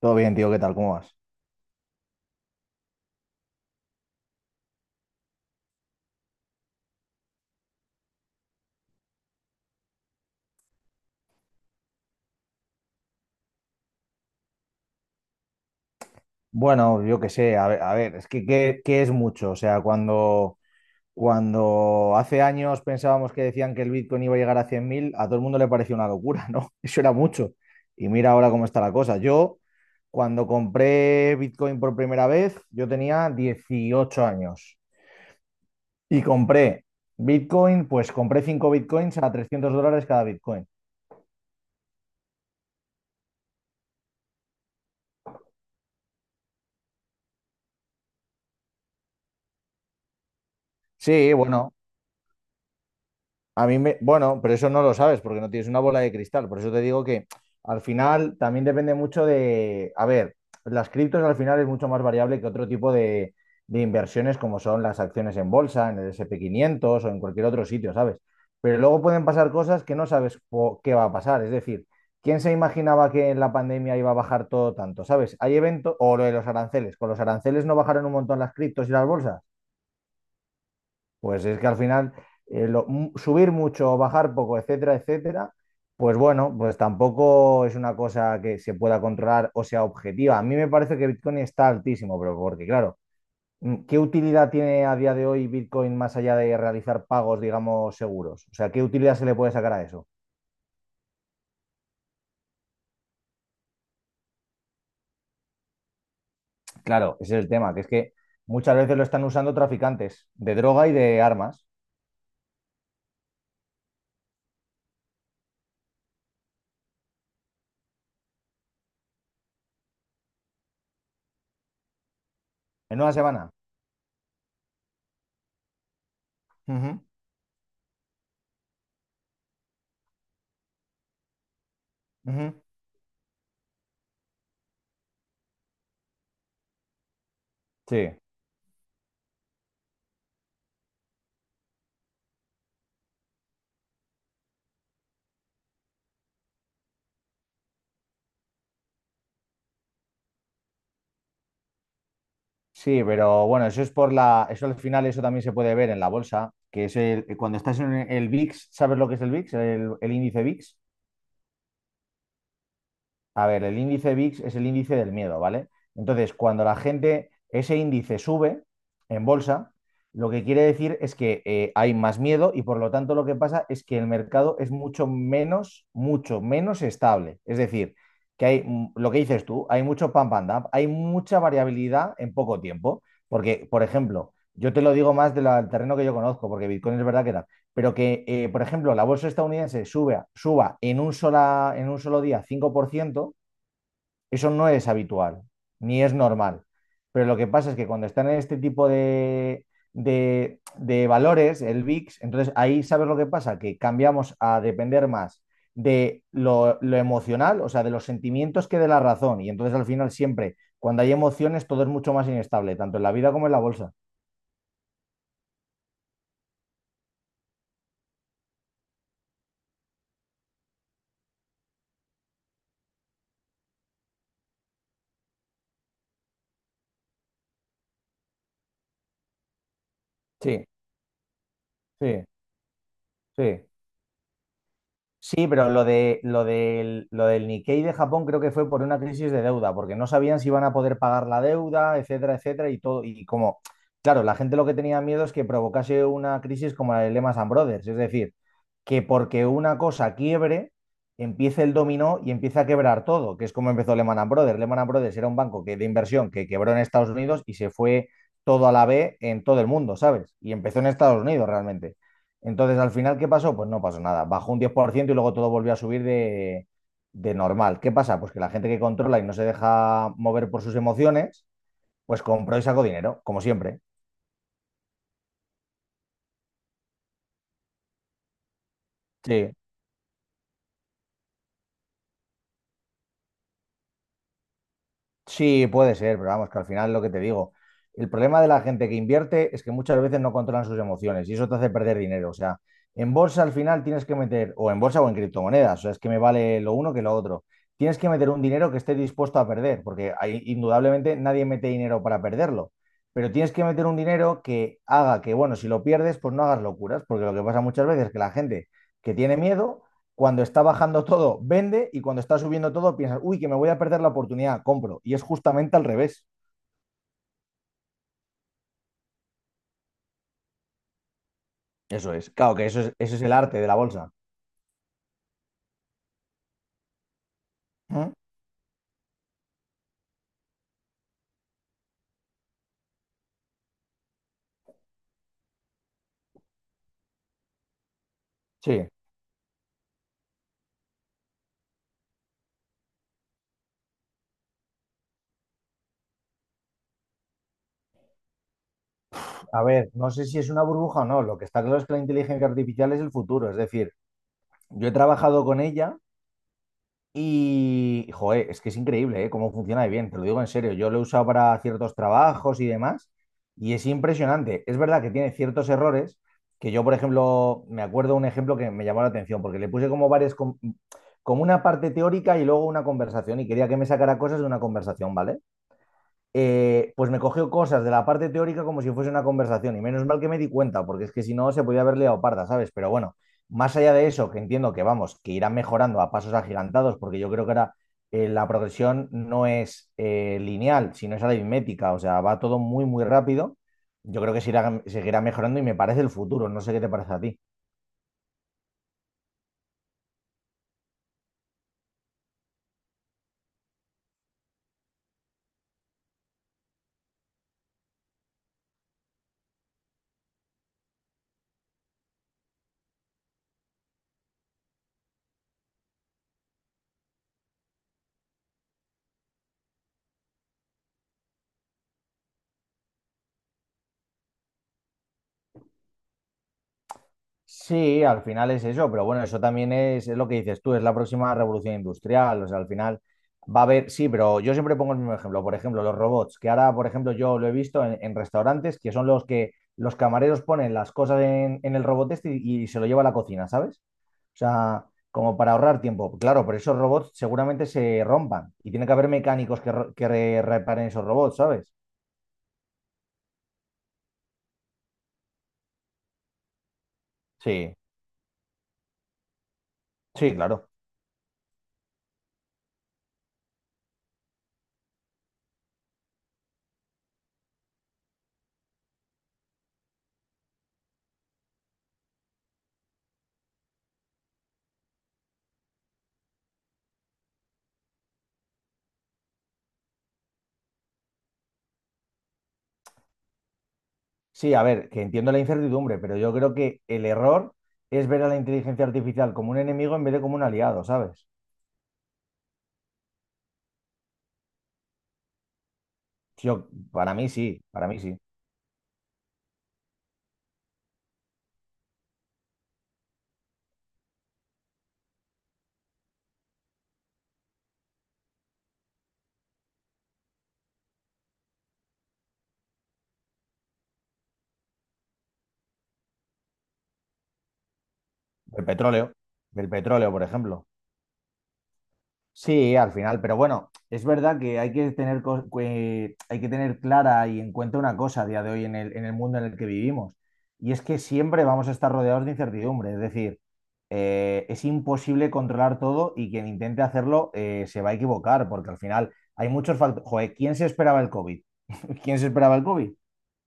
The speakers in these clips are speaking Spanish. Todo bien, tío, ¿qué tal? ¿Cómo vas? Bueno, yo qué sé, a ver, es que ¿qué es mucho? O sea, cuando hace años pensábamos que decían que el Bitcoin iba a llegar a 100.000, a todo el mundo le pareció una locura, ¿no? Eso era mucho. Y mira ahora cómo está la cosa. Yo, cuando compré Bitcoin por primera vez, yo tenía 18 años y compré Bitcoin, pues compré 5 Bitcoins a $300 cada Bitcoin. Sí, bueno. Bueno, pero eso no lo sabes porque no tienes una bola de cristal. Por eso te digo que al final también depende mucho de, a ver, las criptos al final es mucho más variable que otro tipo de inversiones como son las acciones en bolsa, en el S&P 500 o en cualquier otro sitio, ¿sabes? Pero luego pueden pasar cosas que no sabes qué va a pasar. Es decir, ¿quién se imaginaba que en la pandemia iba a bajar todo tanto? ¿Sabes? Hay eventos, o lo de los aranceles. Con los aranceles no bajaron un montón las criptos y las bolsas. Pues es que al final subir mucho o bajar poco, etcétera, etcétera, pues bueno, pues tampoco es una cosa que se pueda controlar o sea objetiva. A mí me parece que Bitcoin está altísimo, pero porque claro, ¿qué utilidad tiene a día de hoy Bitcoin más allá de realizar pagos, digamos, seguros? O sea, ¿qué utilidad se le puede sacar a eso? Claro, ese es el tema, que es que muchas veces lo están usando traficantes de droga y de armas en una semana. Ujú, ujú. Sí. Sí, pero bueno, eso es por la, eso al final eso también se puede ver en la bolsa, que es el, cuando estás en el VIX, ¿sabes lo que es el VIX? El índice VIX. A ver, el índice VIX es el índice del miedo, ¿vale? Entonces, cuando la gente, ese índice sube en bolsa, lo que quiere decir es que hay más miedo y por lo tanto lo que pasa es que el mercado es mucho menos estable. Es decir, que hay lo que dices tú, hay mucho pump and dump, hay mucha variabilidad en poco tiempo. Porque, por ejemplo, yo te lo digo más del terreno que yo conozco, porque Bitcoin es verdad que pero que, por ejemplo, la bolsa estadounidense suba en un solo día 5%, eso no es habitual, ni es normal. Pero lo que pasa es que cuando están en este tipo de, de valores, el VIX, entonces ahí sabes lo que pasa, que cambiamos a depender más de lo emocional, o sea, de los sentimientos que de la razón. Y entonces al final siempre, cuando hay emociones, todo es mucho más inestable, tanto en la vida como en la bolsa. Sí, sí, sí. Sí, pero lo del Nikkei de Japón creo que fue por una crisis de deuda, porque no sabían si iban a poder pagar la deuda, etcétera, etcétera, y todo. Y como, claro, la gente lo que tenía miedo es que provocase una crisis como la de Lehman Brothers, es decir, que porque una cosa quiebre, empiece el dominó y empiece a quebrar todo, que es como empezó Lehman Brothers. Lehman Brothers era un banco que, de inversión que quebró en Estados Unidos y se fue todo a la B en todo el mundo, ¿sabes? Y empezó en Estados Unidos realmente. Entonces, al final, ¿qué pasó? Pues no pasó nada. Bajó un 10% y luego todo volvió a subir de normal. ¿Qué pasa? Pues que la gente que controla y no se deja mover por sus emociones, pues compró y sacó dinero, como siempre. Sí. Sí, puede ser, pero vamos, que al final lo que te digo, el problema de la gente que invierte es que muchas veces no controlan sus emociones y eso te hace perder dinero. O sea, en bolsa al final tienes que meter, o en bolsa o en criptomonedas, o sea, es que me vale lo uno que lo otro. Tienes que meter un dinero que esté dispuesto a perder, porque ahí, indudablemente nadie mete dinero para perderlo, pero tienes que meter un dinero que haga que, bueno, si lo pierdes, pues no hagas locuras, porque lo que pasa muchas veces es que la gente que tiene miedo cuando está bajando todo, vende y cuando está subiendo todo, piensas, uy, que me voy a perder la oportunidad, compro. Y es justamente al revés. Eso es. Claro que eso es el arte de la bolsa. ¿Mm? Sí. A ver, no sé si es una burbuja o no. Lo que está claro es que la inteligencia artificial es el futuro. Es decir, yo he trabajado con ella. Y, joder, es que es increíble, ¿eh? Cómo funciona de bien, te lo digo en serio. Yo lo he usado para ciertos trabajos y demás, y es impresionante. Es verdad que tiene ciertos errores, que yo, por ejemplo, me acuerdo un ejemplo que me llamó la atención, porque le puse como varias, como una parte teórica y luego una conversación, y quería que me sacara cosas de una conversación, ¿vale? Pues me cogió cosas de la parte teórica como si fuese una conversación. Y menos mal que me di cuenta, porque es que si no se podía haber liado parda, ¿sabes? Pero bueno, más allá de eso, que entiendo que vamos, que irán mejorando a pasos agigantados, porque yo creo que ahora la progresión no es lineal, sino es aritmética, o sea, va todo muy, muy rápido. Yo creo que seguirá mejorando y me parece el futuro. No sé qué te parece a ti. Sí, al final es eso, pero bueno, eso también es lo que dices tú, es la próxima revolución industrial, o sea, al final va a haber, sí, pero yo siempre pongo el mismo ejemplo, por ejemplo, los robots, que ahora, por ejemplo, yo lo he visto en restaurantes, que son los que los camareros ponen las cosas en el robot este y se lo lleva a la cocina, ¿sabes? O sea, como para ahorrar tiempo, claro, pero esos robots seguramente se rompan y tiene que haber mecánicos que reparen esos robots, ¿sabes? Sí, sí, claro. Sí, a ver, que entiendo la incertidumbre, pero yo creo que el error es ver a la inteligencia artificial como un enemigo en vez de como un aliado, ¿sabes? Yo, para mí sí, para mí sí. El petróleo, del petróleo, por ejemplo. Sí, al final, pero bueno, es verdad que hay que tener, que hay que tener clara y en cuenta una cosa a día de hoy en el mundo en el que vivimos, y es que siempre vamos a estar rodeados de incertidumbre, es decir, es imposible controlar todo y quien intente hacerlo, se va a equivocar, porque al final hay muchos factores. Joder, ¿quién se esperaba el COVID? ¿Quién se esperaba el COVID?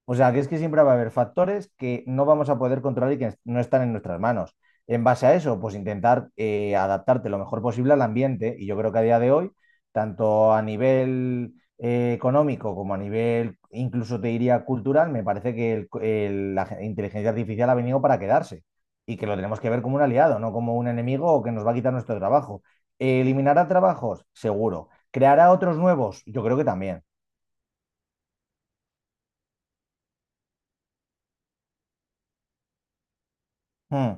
O sea, que es que siempre va a haber factores que no vamos a poder controlar y que no están en nuestras manos. En base a eso, pues intentar adaptarte lo mejor posible al ambiente. Y yo creo que a día de hoy, tanto a nivel económico como a nivel, incluso te diría cultural, me parece que la inteligencia artificial ha venido para quedarse y que lo tenemos que ver como un aliado, no como un enemigo o que nos va a quitar nuestro trabajo. ¿Eliminará trabajos? Seguro. ¿Creará otros nuevos? Yo creo que también. Hmm.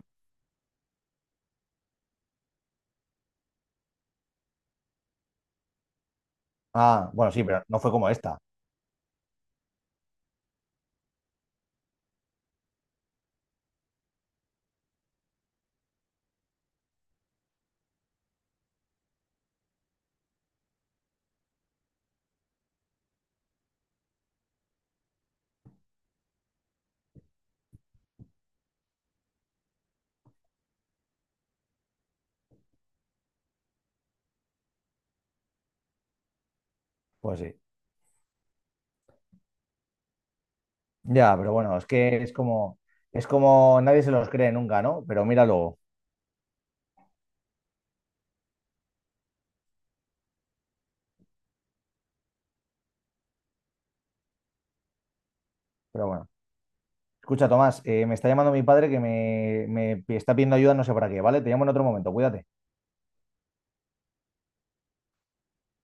Ah, bueno, sí, pero no fue como esta. Pues sí. Ya, pero bueno, es que es como nadie se los cree nunca, ¿no? Pero mira luego. Pero bueno. Escucha, Tomás, me está llamando mi padre que me está pidiendo ayuda, no sé para qué, ¿vale? Te llamo en otro momento, cuídate.